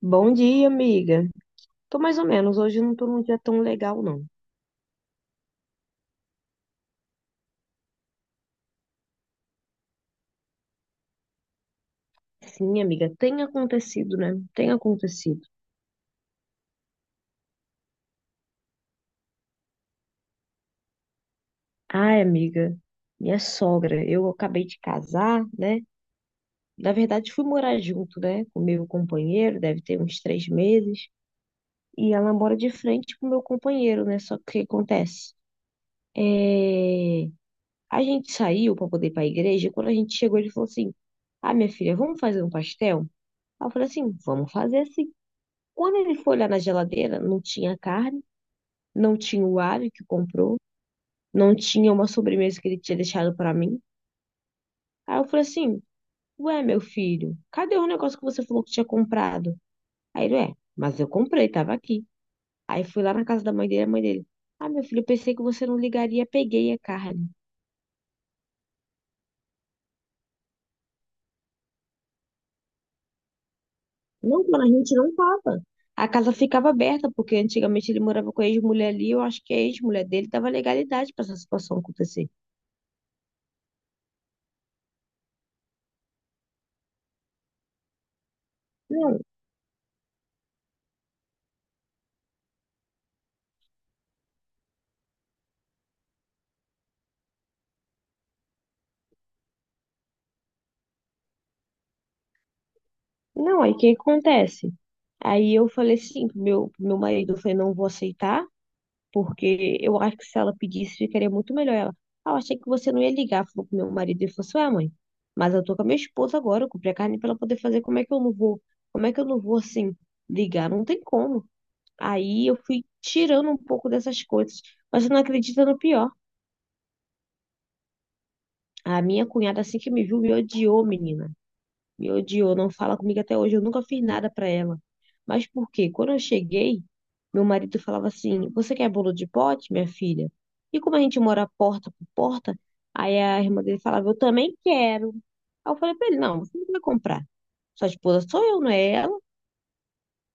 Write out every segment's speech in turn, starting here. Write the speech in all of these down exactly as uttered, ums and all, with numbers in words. Bom dia, amiga. Tô mais ou menos. Hoje não tô num dia tão legal, não. Sim, amiga, tem acontecido, né? Tem acontecido. Ai, amiga, minha sogra, eu acabei de casar, né? Na verdade, fui morar junto, né? Com meu companheiro, deve ter uns três meses. E ela mora de frente com meu companheiro, né? Só que o que acontece? É... A gente saiu pra poder ir pra igreja. E quando a gente chegou, ele falou assim: Ah, minha filha, vamos fazer um pastel? Aí eu falei assim: Vamos fazer. Quando ele foi olhar na geladeira, não tinha carne, não tinha o alho que comprou, não tinha uma sobremesa que ele tinha deixado para mim. Aí eu falei assim: Ué, meu filho, cadê o negócio que você falou que tinha comprado? Aí ele, é, mas eu comprei, tava aqui. Aí fui lá na casa da mãe dele, a mãe dele. Ah, meu filho, eu pensei que você não ligaria, peguei a carne. Não, quando a gente não tava. A casa ficava aberta, porque antigamente ele morava com a ex-mulher ali, eu acho que a ex-mulher dele dava legalidade para essa situação acontecer. Não, não, aí o que acontece? Aí eu falei assim pro meu, pro meu marido, eu falei, não vou aceitar, porque eu acho que se ela pedisse, ficaria muito melhor. Ela, ah, eu achei que você não ia ligar, falou pro meu marido, e falou assim, ué, mãe, mas eu tô com a minha esposa agora, eu comprei a carne pra ela poder fazer, como é que eu não vou, como é que eu não vou, assim, ligar? Não tem como. Aí eu fui tirando um pouco dessas coisas, mas você não acredita no pior. A minha cunhada, assim que me viu, me odiou, menina. Me odiou, não fala comigo até hoje. Eu nunca fiz nada pra ela. Mas por quê? Quando eu cheguei, meu marido falava assim: Você quer bolo de pote, minha filha? E como a gente mora porta por porta, aí a irmã dele falava: Eu também quero. Aí eu falei pra ele: Não, você não vai comprar. Sua esposa sou eu, não é ela.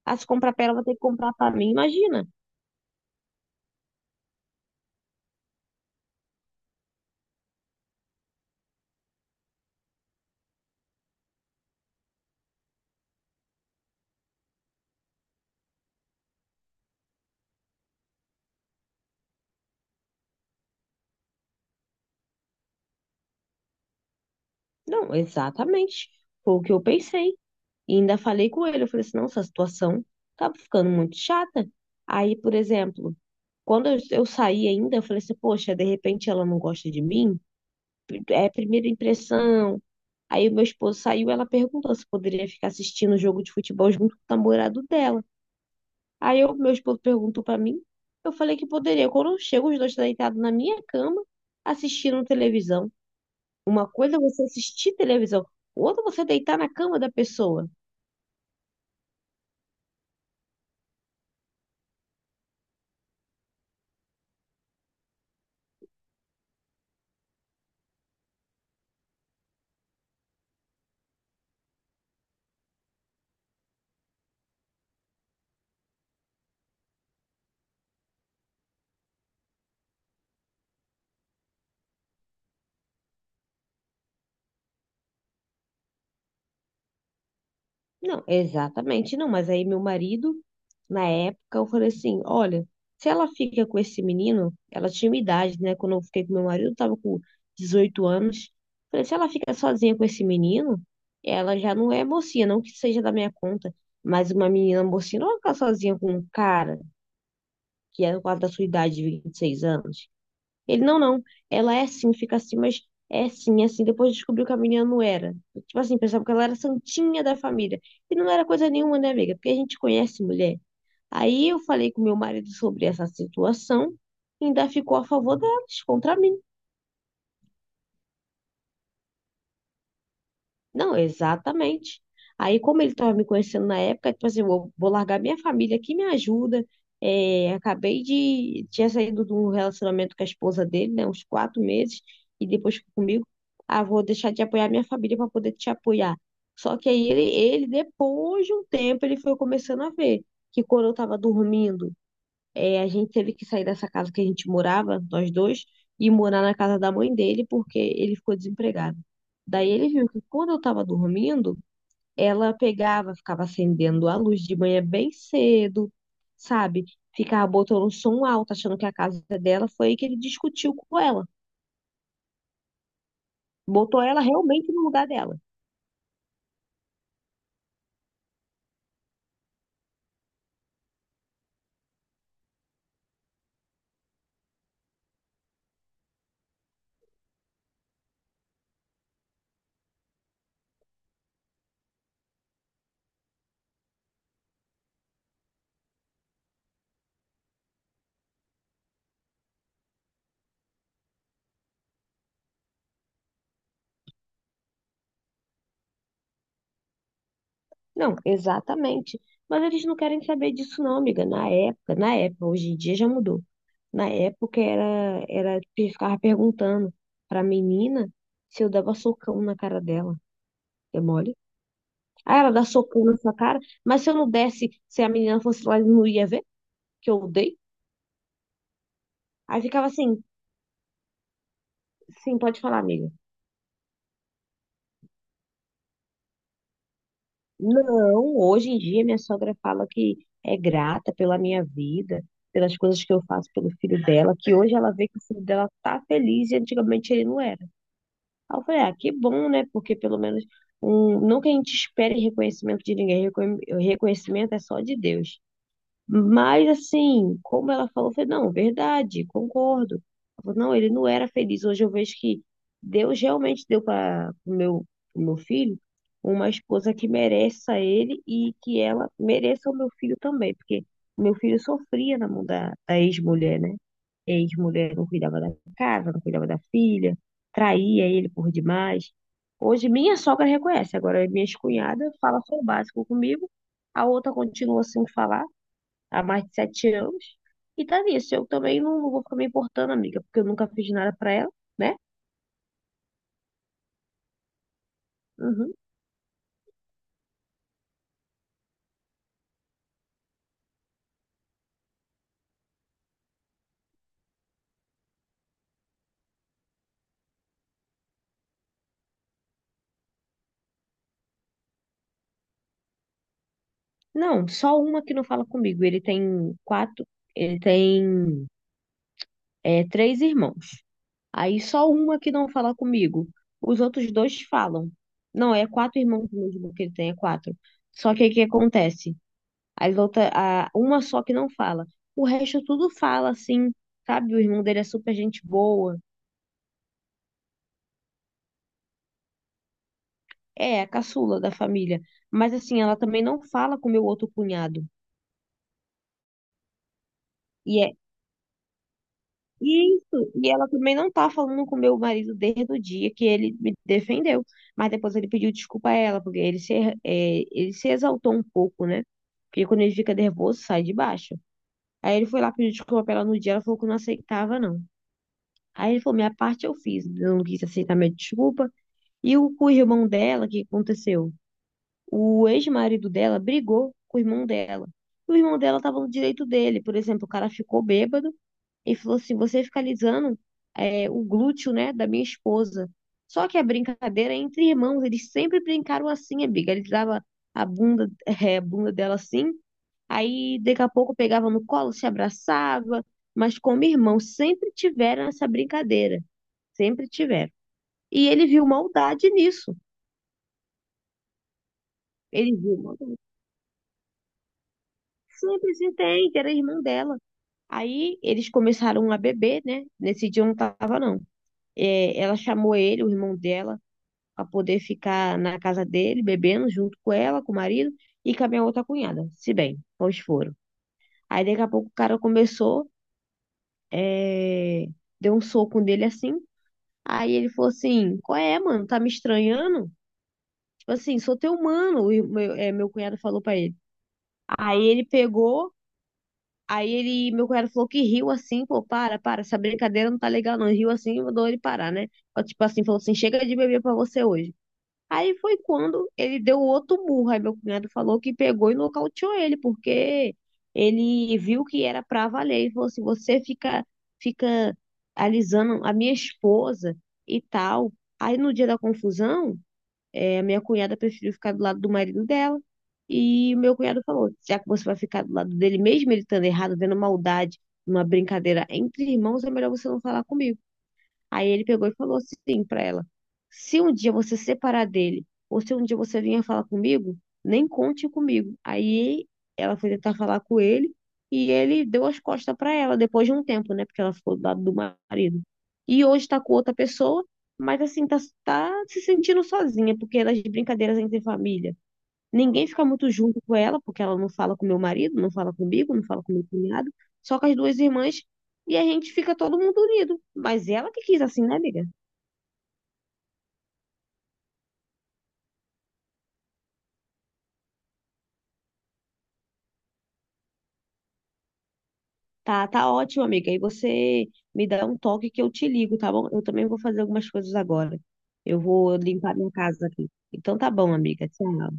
Ah, se comprar pra ela, vai ter que comprar pra mim, imagina. Não, exatamente. Foi o que eu pensei. E ainda falei com ele. Eu falei assim: Não, essa situação tá ficando muito chata. Aí, por exemplo. Quando eu, eu saí ainda, eu falei assim, poxa, de repente ela não gosta de mim? É a primeira impressão. Aí o meu esposo saiu, ela perguntou se poderia ficar assistindo o jogo de futebol junto com o namorado dela. Aí o meu esposo perguntou pra mim, eu falei que poderia. Quando eu chego, os dois estão deitados na minha cama, assistindo televisão. Uma coisa é você assistir televisão, outra é você deitar na cama da pessoa. Não, exatamente não, mas aí meu marido, na época, eu falei assim, olha, se ela fica com esse menino, ela tinha uma idade, né? Quando eu fiquei com meu marido, eu tava com dezoito anos. Falei, se ela fica sozinha com esse menino, ela já não é mocinha, não que seja da minha conta, mas uma menina mocinha não vai ficar sozinha com um cara que é quase da sua idade, de vinte e seis anos. Ele, não, não, ela é assim, fica assim, mas é assim, é assim. Depois descobriu que a menina não era. Tipo assim, pensava que ela era santinha da família. E não era coisa nenhuma, né, amiga? Porque a gente conhece mulher. Aí eu falei com meu marido sobre essa situação e ainda ficou a favor delas, contra mim. Não, exatamente. Aí, como ele estava me conhecendo na época, tipo assim, vou, vou largar minha família que me ajuda. É, acabei de. Tinha saído de um relacionamento com a esposa dele, né? Uns quatro meses, e depois ficou comigo. Ah, vou deixar de apoiar minha família para poder te apoiar. Só que aí ele, ele, depois de um tempo, ele foi começando a ver que quando eu estava dormindo, é, a gente teve que sair dessa casa que a gente morava, nós dois, e morar na casa da mãe dele porque ele ficou desempregado. Daí ele viu que quando eu estava dormindo, ela pegava, ficava acendendo a luz de manhã bem cedo, sabe? Ficava botando um som alto, achando que a casa é dela. Foi aí que ele discutiu com ela. Botou ela realmente no lugar dela. Não, exatamente. Mas eles não querem saber disso, não, amiga. Na época, na época, hoje em dia já mudou. Na época era, era pe- ficava perguntando pra menina se eu dava socão na cara dela. É mole? Ah, ela dá socão na sua cara, mas se eu não desse, se a menina fosse lá, não ia ver que eu dei. Aí ficava assim, sim, pode falar, amiga. Não, hoje em dia minha sogra fala que é grata pela minha vida, pelas coisas que eu faço pelo filho dela, que hoje ela vê que o filho dela tá feliz e antigamente ele não era. Aí eu falei, ah, que bom, né? Porque pelo menos, um, não que a gente espere reconhecimento de ninguém, reconhe- reconhecimento é só de Deus. Mas assim, como ela falou, eu falei, não, verdade, concordo. Ela falou, não, ele não era feliz. Hoje eu vejo que Deus realmente deu para o meu, pro meu filho uma esposa que mereça ele e que ela mereça o meu filho também, porque o meu filho sofria na mão da, da ex-mulher, né? Ex-mulher não cuidava da casa, não cuidava da filha, traía ele por demais. Hoje minha sogra reconhece, agora minha cunhada fala só o básico comigo, a outra continua sem falar há mais de sete anos. E tá nisso. Eu também não, não vou ficar me importando, amiga, porque eu nunca fiz nada pra ela, né? Uhum. Não, só uma que não fala comigo. Ele tem quatro, ele tem é, três irmãos. Aí só uma que não fala comigo. Os outros dois falam. Não, é quatro irmãos mesmo que ele tem, é quatro. Só que o que acontece? As outra, a, uma só que não fala. O resto tudo fala, assim, sabe? O irmão dele é super gente boa. É, a caçula da família. Mas assim, ela também não fala com meu outro cunhado. E é isso. E ela também não tá falando com meu marido desde o dia que ele me defendeu. Mas depois ele pediu desculpa a ela, porque ele se, é, ele se exaltou um pouco, né? Porque quando ele fica nervoso, sai de baixo. Aí ele foi lá pedir desculpa pra ela no dia, ela falou que não aceitava, não. Aí ele falou: minha parte eu fiz, eu não quis aceitar minha desculpa. E o com o irmão dela, o que aconteceu? O ex-marido dela brigou com o irmão dela. E o irmão dela estava no direito dele. Por exemplo, o cara ficou bêbado e falou assim: você fica alisando é, o glúteo, né, da minha esposa. Só que a brincadeira é entre irmãos, eles sempre brincaram assim, amiga. Ele dava a bunda, é, a bunda dela assim, aí daqui a pouco pegava no colo, se abraçava, mas como irmão, sempre tiveram essa brincadeira, sempre tiveram. E ele viu maldade nisso. Ele viu maldade. Sempre se entende, era irmão dela. Aí eles começaram a beber, né? Nesse dia eu não tava, não. É, ela chamou ele, o irmão dela, para poder ficar na casa dele, bebendo junto com ela, com o marido e com a minha outra cunhada, se bem, pois foram. Aí daqui a pouco o cara começou, é, deu um soco nele assim. Aí ele falou assim: Qual é, mano? Tá me estranhando? Tipo assim, sou teu mano, o ir- meu, é, meu cunhado falou pra ele. Aí ele pegou. Aí ele, meu cunhado falou que riu assim, pô, para, para, essa brincadeira não tá legal não. Ele riu assim e mandou ele parar, né? Ó, tipo assim, falou assim, chega de beber pra você hoje. Aí foi quando ele deu outro murro. Aí meu cunhado falou que pegou e nocauteou ele, porque ele viu que era pra valer. Ele falou assim, você fica, fica alisando a minha esposa e tal. Aí no dia da confusão, é, minha cunhada preferiu ficar do lado do marido dela. E o meu cunhado falou: já que você vai ficar do lado dele, mesmo ele estando errado, vendo maldade, numa brincadeira entre irmãos, é melhor você não falar comigo. Aí ele pegou e falou assim pra ela: se um dia você se separar dele, ou se um dia você vier falar comigo, nem conte comigo. Aí ela foi tentar falar com ele e ele deu as costas pra ela depois de um tempo, né? Porque ela ficou do lado do marido. E hoje tá com outra pessoa, mas assim, tá, tá se sentindo sozinha, porque é das brincadeiras entre família. Ninguém fica muito junto com ela, porque ela não fala com meu marido, não fala comigo, não fala com meu cunhado, só com as duas irmãs, e a gente fica todo mundo unido. Mas ela que quis assim, né, amiga? Tá, tá ótimo, amiga. E você me dá um toque que eu te ligo, tá bom? Eu também vou fazer algumas coisas agora. Eu vou limpar minha casa aqui. Então tá bom, amiga. Tchau.